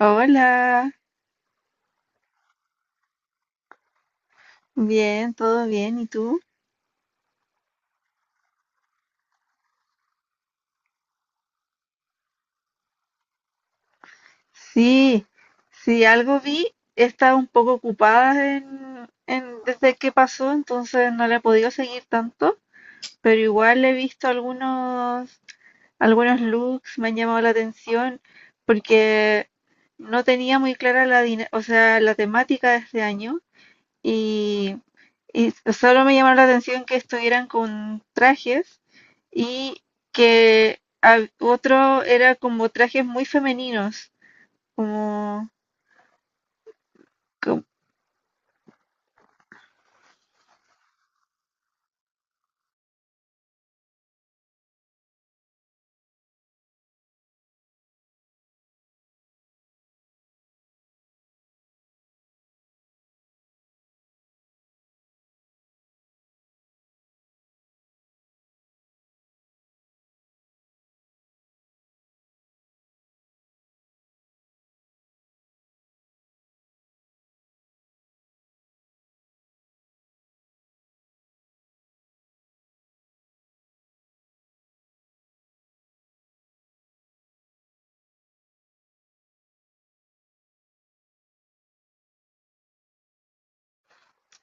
Hola, bien, todo bien, ¿y tú? Sí, sí, algo vi, he estado un poco ocupada desde que pasó, entonces no la he podido seguir tanto, pero igual he visto algunos, algunos looks, me han llamado la atención, porque no tenía muy clara la, dina- o sea, la temática de este año, y, y solo me llamó la atención que estuvieran con trajes y que otro era como trajes muy femeninos, como, co-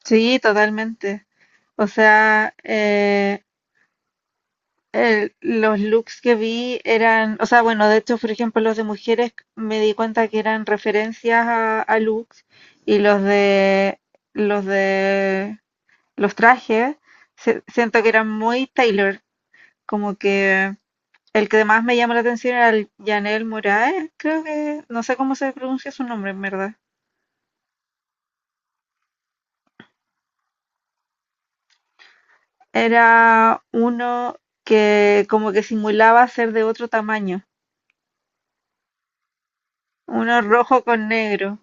sí, totalmente. O sea, los looks que vi eran, o sea, bueno, de hecho, por ejemplo, los de mujeres me di cuenta que eran referencias a looks y los de los trajes siento que eran muy Taylor. Como que el que más me llamó la atención era el Janel Moraes, creo que, no sé cómo se pronuncia su nombre en verdad. Era uno que como que simulaba ser de otro tamaño, uno rojo con negro.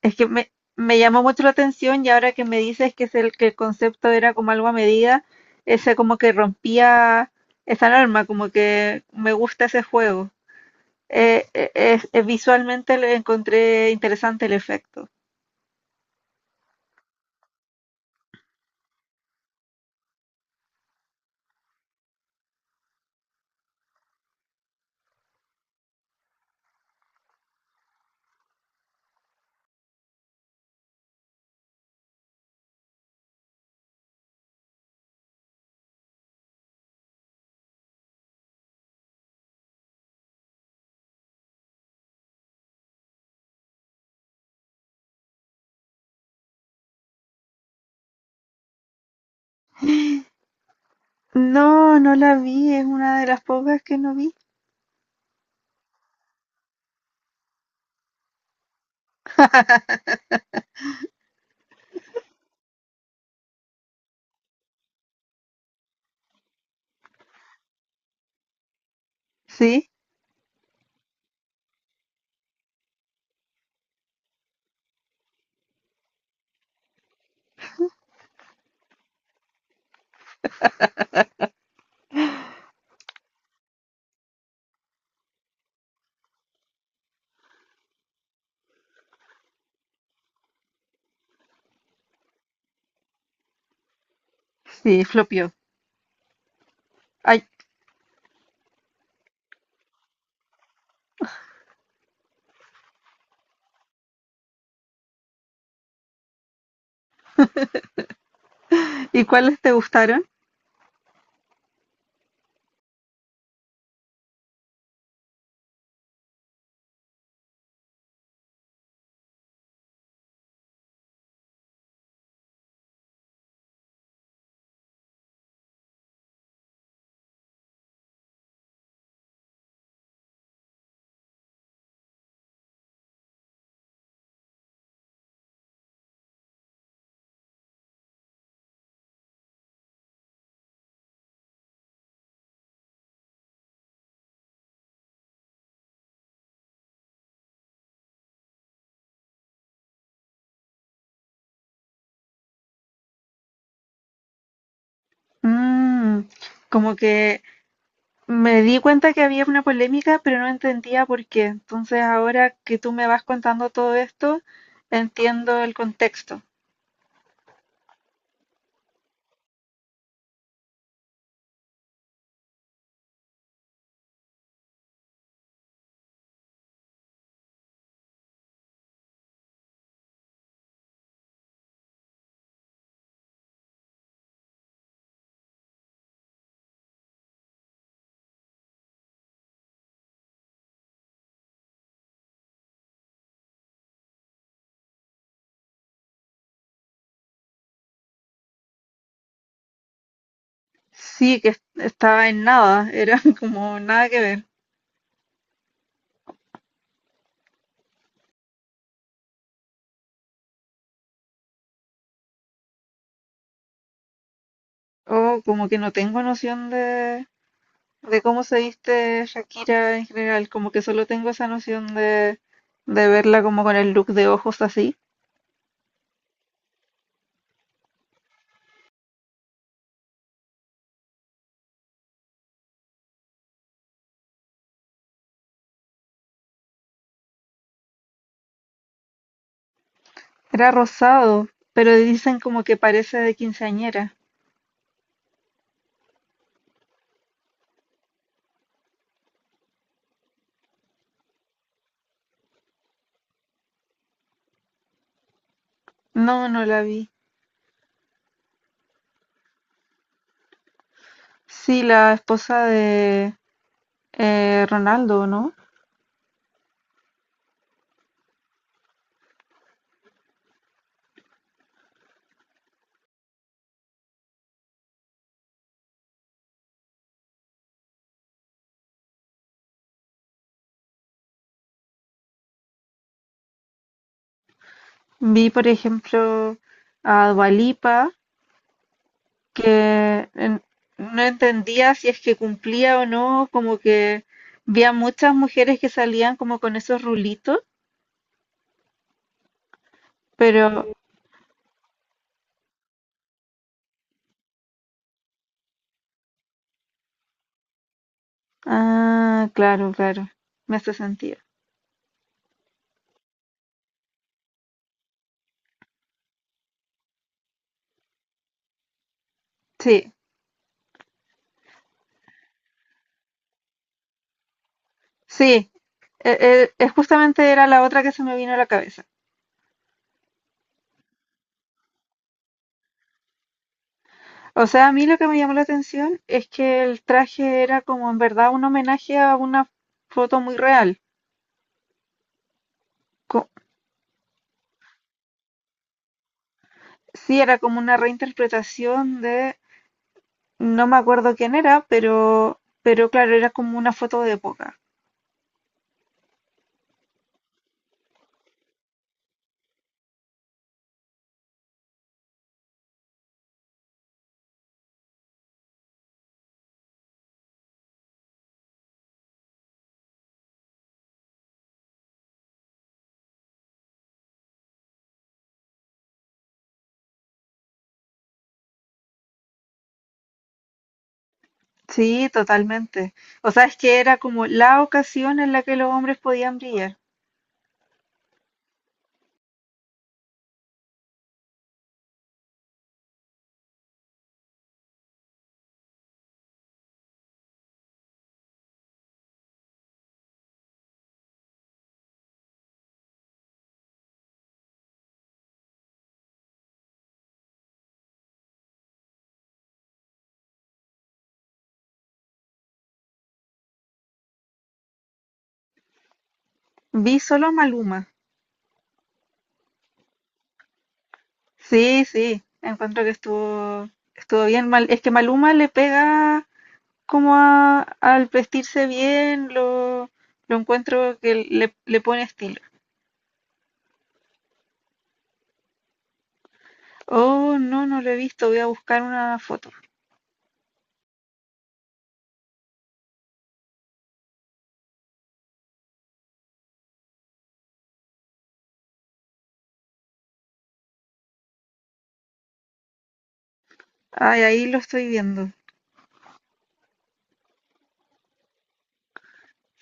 Es que me llamó mucho la atención y ahora que me dices que es el que el concepto era como algo a medida, ese como que rompía esa norma, como que me gusta ese juego. Visualmente le encontré interesante el efecto. No, no la vi, es una de las pocas que no vi. Sí, sí, flopió. Ay, ¿y cuáles te gustaron? Mm, como que me di cuenta que había una polémica, pero no entendía por qué. Entonces, ahora que tú me vas contando todo esto, entiendo el contexto. Sí, estaba en nada, era como nada que ver. O como que no tengo noción de cómo se viste Shakira en general, como que solo tengo esa noción de verla como con el look de ojos así. Era rosado, pero dicen como que parece de quinceañera. No, no la vi. Sí, la esposa de Ronaldo, ¿no? Vi, por ejemplo, a Dua Lipa, que en- no entendía si es que cumplía o no, como que vi a muchas mujeres que salían como con esos rulitos, pero Ah, claro, claro. Me hace sentido. Sí, sí. Es justamente era la otra que se me vino a la cabeza. O sea, a mí lo que me llamó la atención es que el traje era como en verdad un homenaje a una foto muy real. Co- sí, era como una reinterpretación de, no me acuerdo quién era, pero claro, era como una foto de época. Sí, totalmente. O sea, es que era como la ocasión en la que los hombres podían brillar. Vi solo a Maluma. Sí, sí, encuentro que estuvo, estuvo bien mal. Es que Maluma le pega como al vestirse bien, lo encuentro que le pone estilo. Oh, no, no lo he visto, voy a buscar una foto. Ay, ahí lo estoy viendo.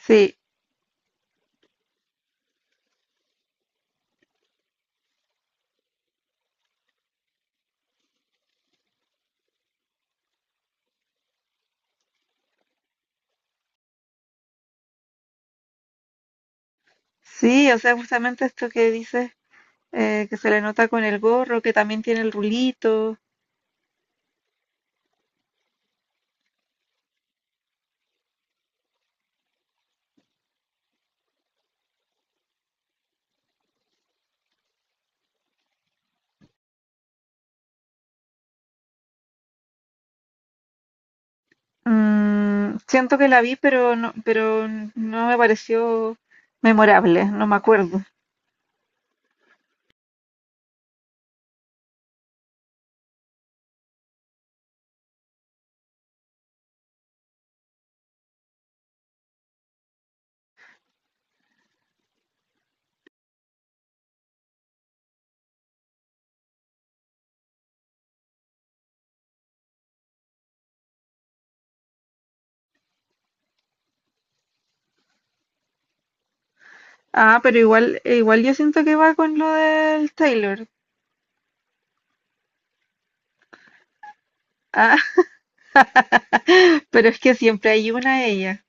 Sí, sí, o sea, justamente esto que dices, que se le nota con el gorro, que también tiene el rulito. Mm, siento que la vi, pero no me pareció memorable, no me acuerdo. Ah, pero igual, igual yo siento que va con lo del Taylor. Ah, pero es que siempre hay una ella.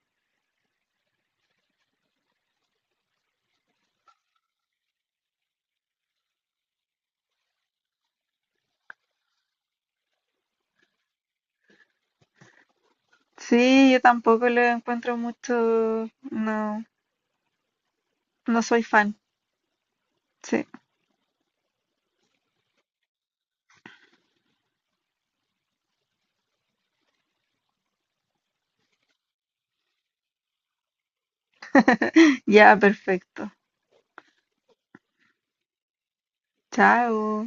Sí, yo tampoco lo encuentro mucho. No, no soy fan. Sí. Ya, perfecto. Chao.